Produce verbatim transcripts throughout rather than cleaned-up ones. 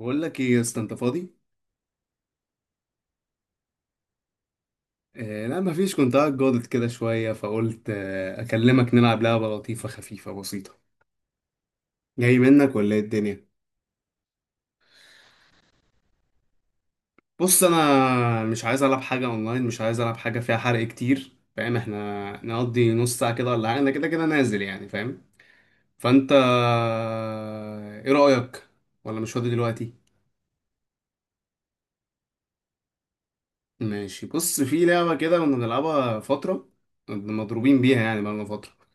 بقول لك ايه يا اسطى؟ انت فاضي؟ آه لا مفيش، كنت قاعد جاضد كده شويه فقلت آه اكلمك نلعب لعبه لطيفه خفيفه بسيطه. جاي منك ولا ايه الدنيا؟ بص، انا مش عايز العب حاجه اونلاين، مش عايز العب حاجه فيها حرق كتير، فاهم؟ احنا نقضي نص ساعه كده ولا حاجه، انا كده كده نازل يعني، فاهم؟ فانت آه، ايه رايك؟ ولا مش فاضي دلوقتي؟ ماشي، بص في لعبه كده كنا بنلعبها فتره، كنا مضروبين بيها يعني بقالنا فتره،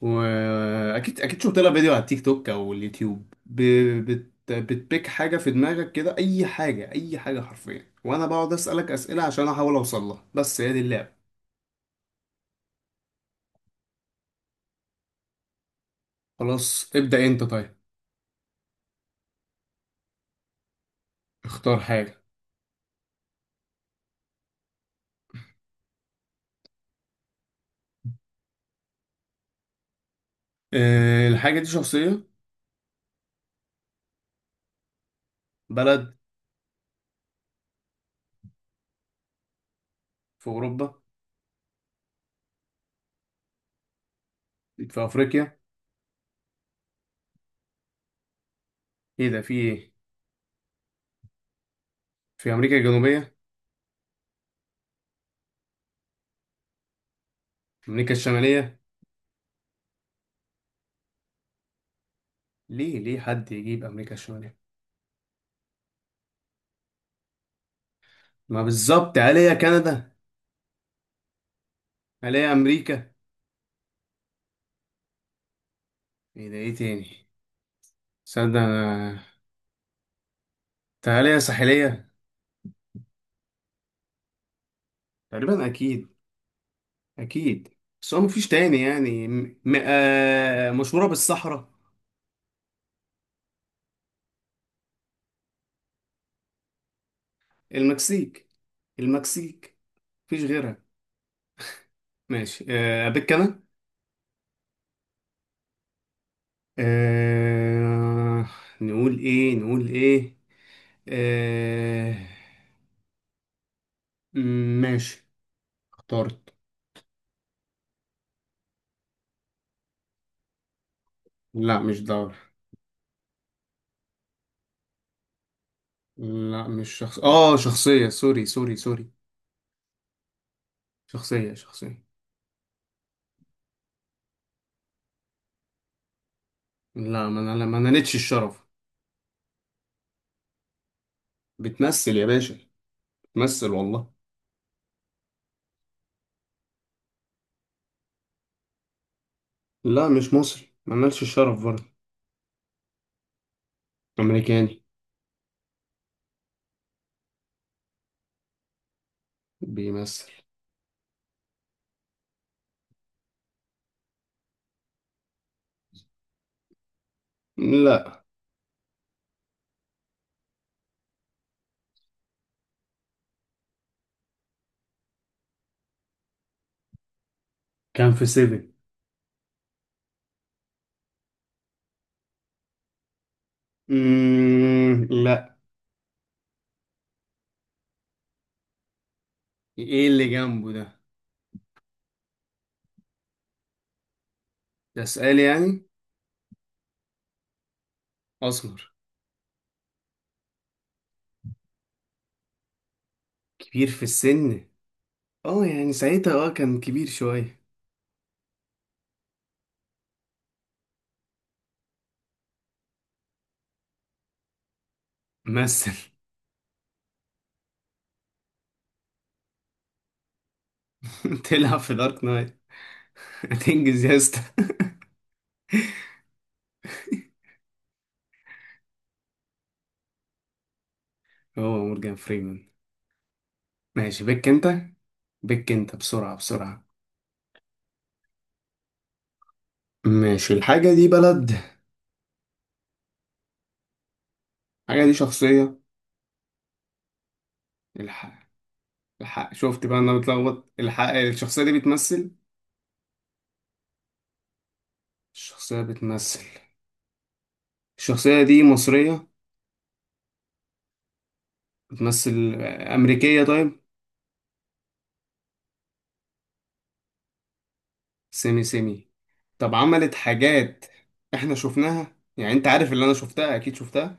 واكيد اكيد شفت لها فيديو على التيك توك او اليوتيوب ب... بت... بتبيك حاجه في دماغك كده، اي حاجه اي حاجه حرفيا، وانا بقعد اسالك اسئله عشان احاول اوصل لها، بس هي دي اللعبه. خلاص ابدا، انت طيب. اختار حاجه. أه الحاجه دي شخصيه؟ بلد؟ في اوروبا؟ في افريقيا؟ ايه ده، في ايه؟ في امريكا الجنوبيه؟ امريكا الشماليه؟ ليه ليه حد يجيب امريكا الشماليه؟ ما بالظبط، عليها كندا؟ عليها امريكا؟ ايه ده، ايه تاني؟ صدق. تعالى يا ساحلية. تقريبا أكيد. أكيد. بس هو مفيش تاني يعني م... م... آه... مشهورة بالصحراء. المكسيك. المكسيك. مفيش غيرها. ماشي آه... أبيك أنا. آه... نقول إيه نقول إيه؟ آه... م- ماشي، اخترت. لا مش دولة. لا مش شخص، آه شخصية، سوري سوري سوري. شخصية شخصية. لا، ما أنا ما أنا نالتش الشرف. بتمثل يا باشا. بتمثل والله. لا مش مصري، ملناش الشرف برضه. أمريكاني. بيمثل. لا. كان في سيفن. مم... لا. إيه اللي جنبه ده؟ ده سؤال يعني؟ أسمر. كبير في السن. اه يعني ساعتها اه كان كبير شوية. مثل. تلعب في دارك نايت؟ هتنجز يا اسطى. هو مورجان فريمان. ماشي بك انت. بك انت بسرعة بسرعة. ماشي، الحاجة دي بلد؟ الحاجة دي شخصية؟ الح... الحق شفت بقى، انا بتلخبط. الحق الشخصية دي بتمثل. الشخصية بتمثل. الشخصية دي مصرية؟ بتمثل آه، أمريكية طيب. سيمي سيمي. طب عملت حاجات احنا شفناها يعني؟ انت عارف اللي انا شفتها اكيد، شفتها.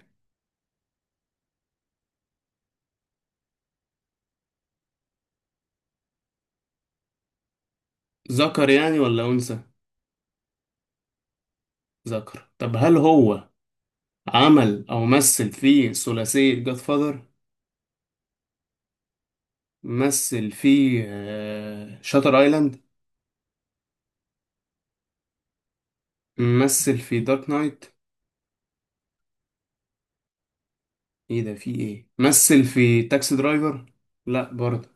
ذكر يعني ولا أنثى؟ ذكر. طب هل هو عمل او مثل في ثلاثية جاد فاذر؟ مثل في شاتر ايلاند؟ مثل في دارك نايت؟ ايه ده في ايه، مثل في تاكسي درايفر؟ لا برضه.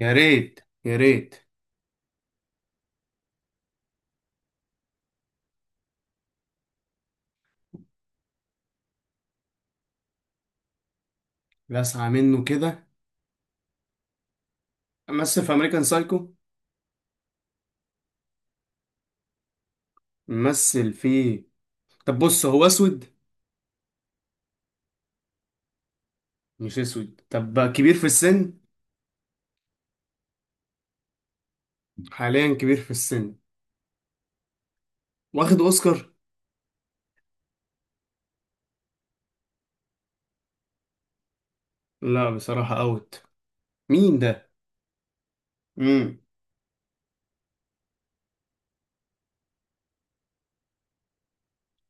يا ريت يا ريت. لسعة منه كده. مثل في امريكان سايكو؟ مثل في. طب بص، هو اسود؟ مش اسود، طب كبير في السن؟ حاليا كبير في السن. واخد اوسكار؟ لا بصراحة اوت. مين ده؟ امم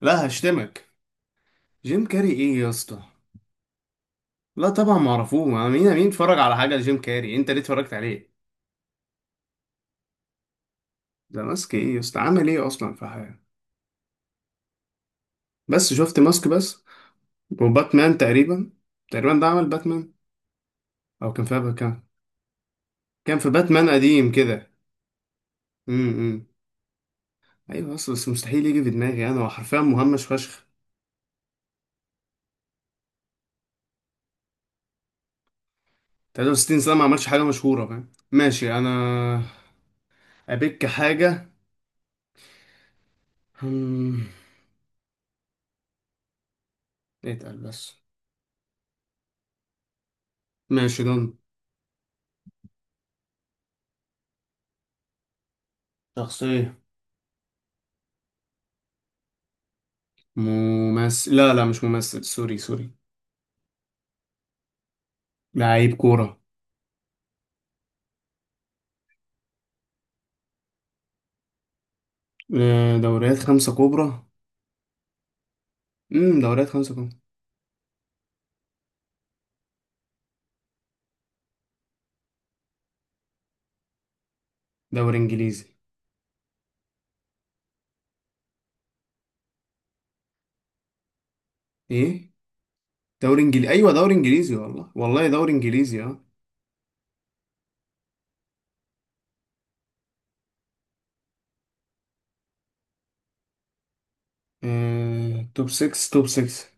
لا هشتمك. جيم كاري ايه يا اسطى؟ لا طبعا معرفوه، ما مين مين اتفرج على حاجة لجيم كاري؟ انت ليه اتفرجت عليه؟ ده ماسك ايه يا اسطى، عمل ايه اصلا في حياته؟ بس شفت ماسك بس. وباتمان تقريبا. تقريبا ده عمل باتمان. او كان فيها كان كان في باتمان قديم كده. امم امم. ايوه اصل، بس مستحيل يجي في دماغي، انا هو حرفيا مهمش فشخ. ثلاثة وستين سنه ما عملش حاجه مشهوره، فاهم؟ ماشي، انا ابيك حاجه. هم، اتقل بس. ماشي دون. شخصيه. ممثل؟ لا لا مش ممثل، سوري سوري. لعيب كوره. آه، دوريات خمسه كبرى. امم دوريات خمسه كبرى. دوري انجليزي. ايه دوري انجليزي، ايوه دوري انجليزي، والله والله دوري انجليزي اه. آه، توب ستة. توب ستة.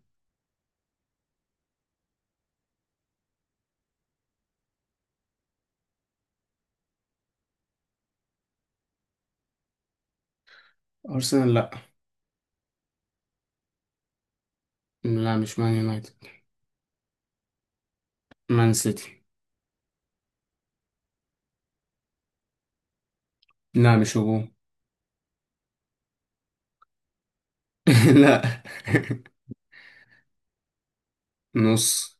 ارسنال لا. لا مش مان يونايتد. مان سيتي. لا مش هجوم. لا. نص.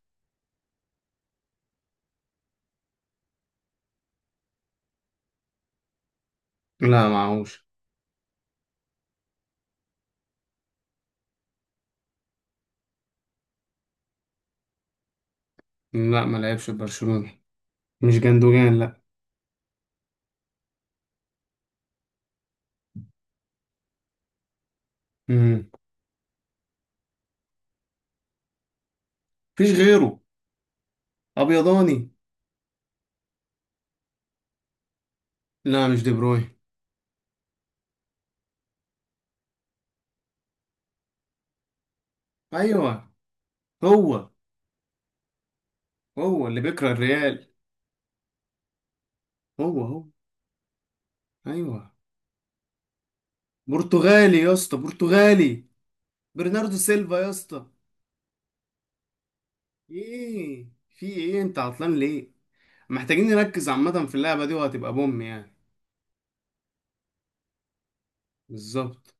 لا معهوش. لا ما لعبش في برشلونة. مش جندوجان لا. مم. مفيش غيره. ابيضاني. لا مش دي بروين. ايوه. هو هو اللي بيكره الريال. هو هو. ايوه. برتغالي يا اسطى، برتغالي. برناردو سيلفا يا اسطى. ايه في ايه، انت عطلان ليه؟ محتاجين نركز عامة في اللعبة دي، وهتبقى بوم يعني. بالظبط.